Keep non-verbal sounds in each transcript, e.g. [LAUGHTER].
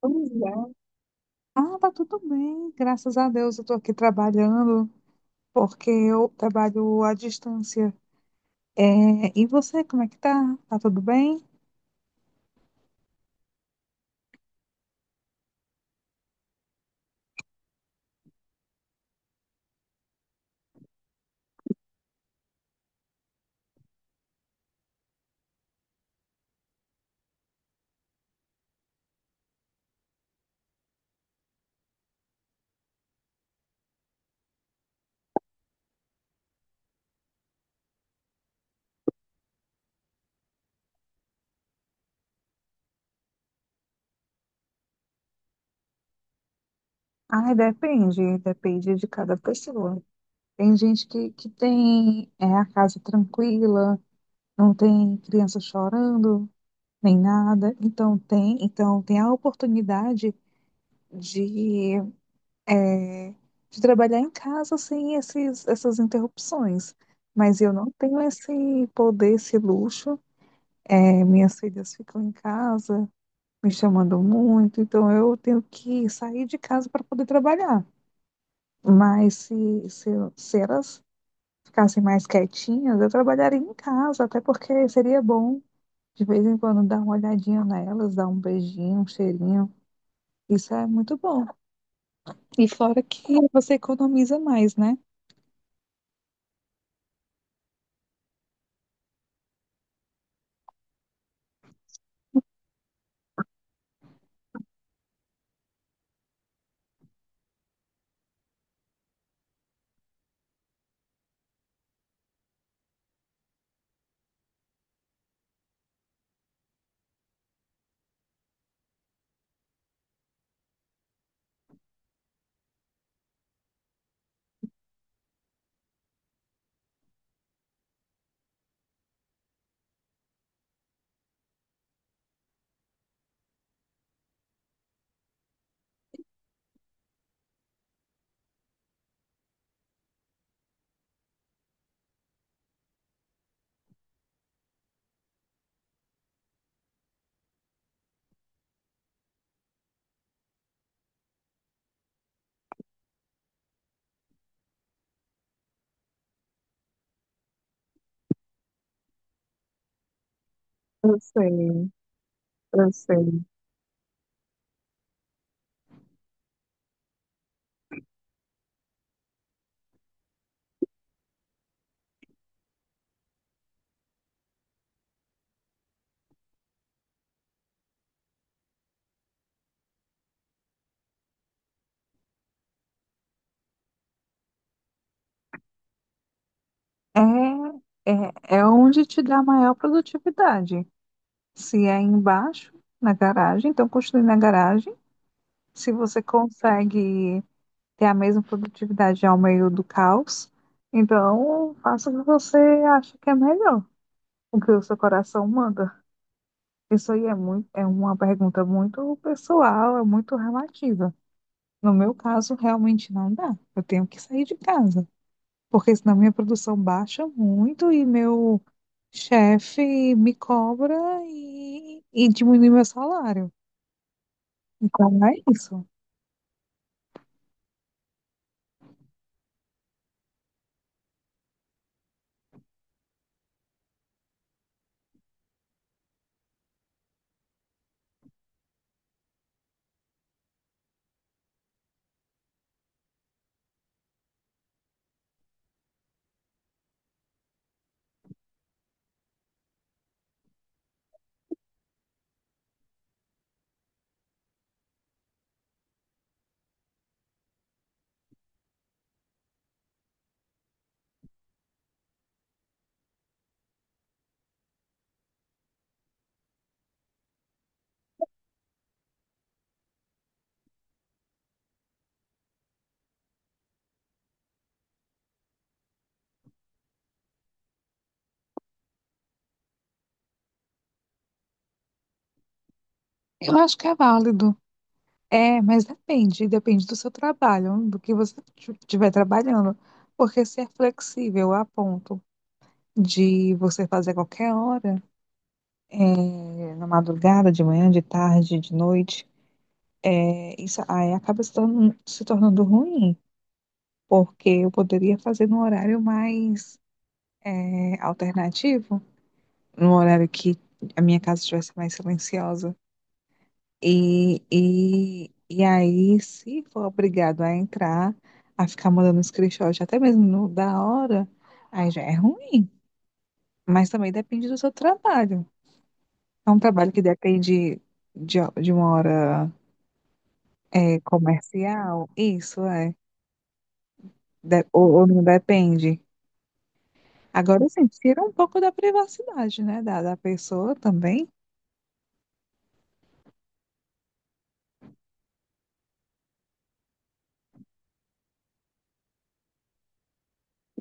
Pois é. Ah, tá tudo bem, graças a Deus eu tô aqui trabalhando, porque eu trabalho à distância. É, e você, como é que tá? Tá tudo bem? Ah, depende, depende de cada pessoa. Tem gente que tem a casa tranquila, não tem criança chorando, nem nada. Então tem a oportunidade de é, de trabalhar em casa sem essas interrupções. Mas eu não tenho esse poder, esse luxo. É, minhas filhas ficam em casa, me chamando muito, então eu tenho que sair de casa para poder trabalhar. Mas se elas ficassem mais quietinhas, eu trabalharia em casa, até porque seria bom de vez em quando dar uma olhadinha nelas, dar um beijinho, um cheirinho. Isso é muito bom. E fora que você economiza mais, né? Eu sei, eu sei. É, é onde te dá maior produtividade. Se é embaixo, na garagem, então construir na garagem. Se você consegue ter a mesma produtividade ao meio do caos, então faça o que você acha que é melhor, o que o seu coração manda. Isso aí é muito, é uma pergunta muito pessoal, é muito relativa. No meu caso, realmente não dá. Eu tenho que sair de casa, porque senão minha produção baixa muito e meu chefe me cobra e diminui meu salário. Então é isso. Eu acho que é válido. É, mas depende, depende do seu trabalho, do que você estiver trabalhando. Porque se é flexível a ponto de você fazer a qualquer hora, na madrugada, de manhã, de tarde, de noite, isso aí acaba se tornando ruim, porque eu poderia fazer num horário mais alternativo, no horário que a minha casa estivesse mais silenciosa. E aí, se for obrigado a entrar, a ficar mandando screenshot, até mesmo no- da hora, aí já é ruim. Mas também depende do seu trabalho. É um trabalho que depende de uma hora comercial, isso é. De- ou não depende. Agora, assim, tira um pouco da privacidade, né? Da pessoa também.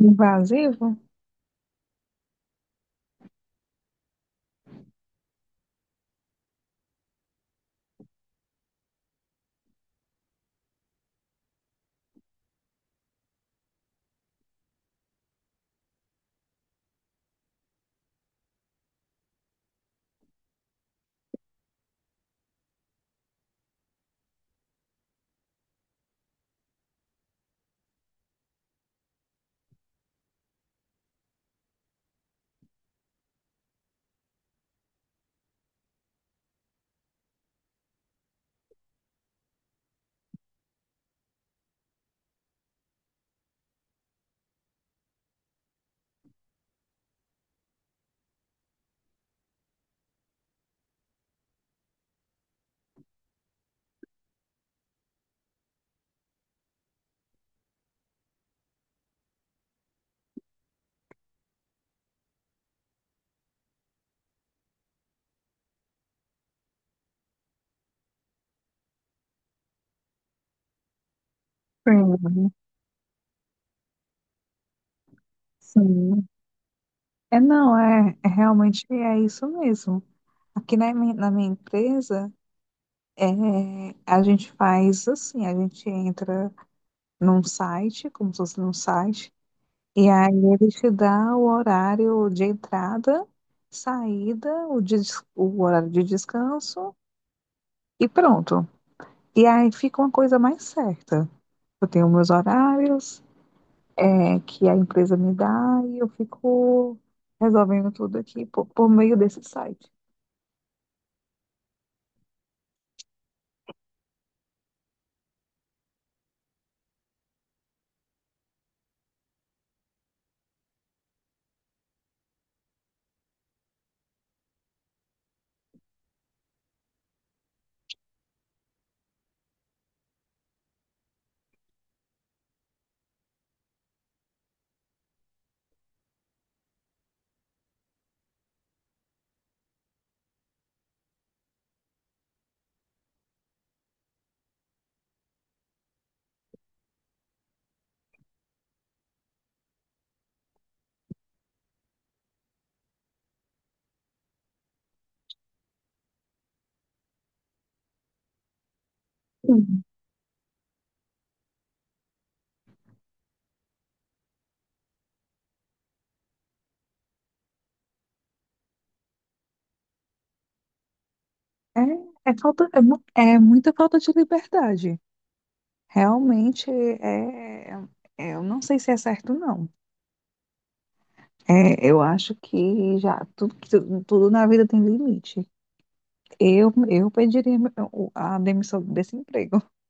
Invasivo. Sim. Sim. É, não, é, é realmente é isso mesmo. Aqui na, mi- na minha empresa, é, a gente faz assim, a gente entra num site, como se fosse num site, e aí ele te dá o horário de entrada, saída, o, des- o horário de descanso e pronto. E aí fica uma coisa mais certa. Eu tenho meus horários, é, que a empresa me dá e eu fico resolvendo tudo aqui por meio desse site. É, é falta, é muita falta de liberdade. Realmente é, é- eu não sei se é certo, não. É, eu acho que já tudo, que tu- tudo na vida tem limite. Eu pediria o- a demissão desse emprego. [LAUGHS]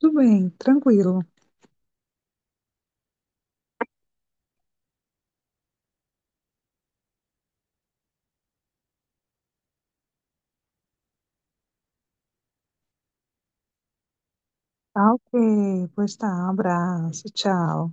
Tudo bem, tranquilo. Tá ok, pois tá, abraço, tchau.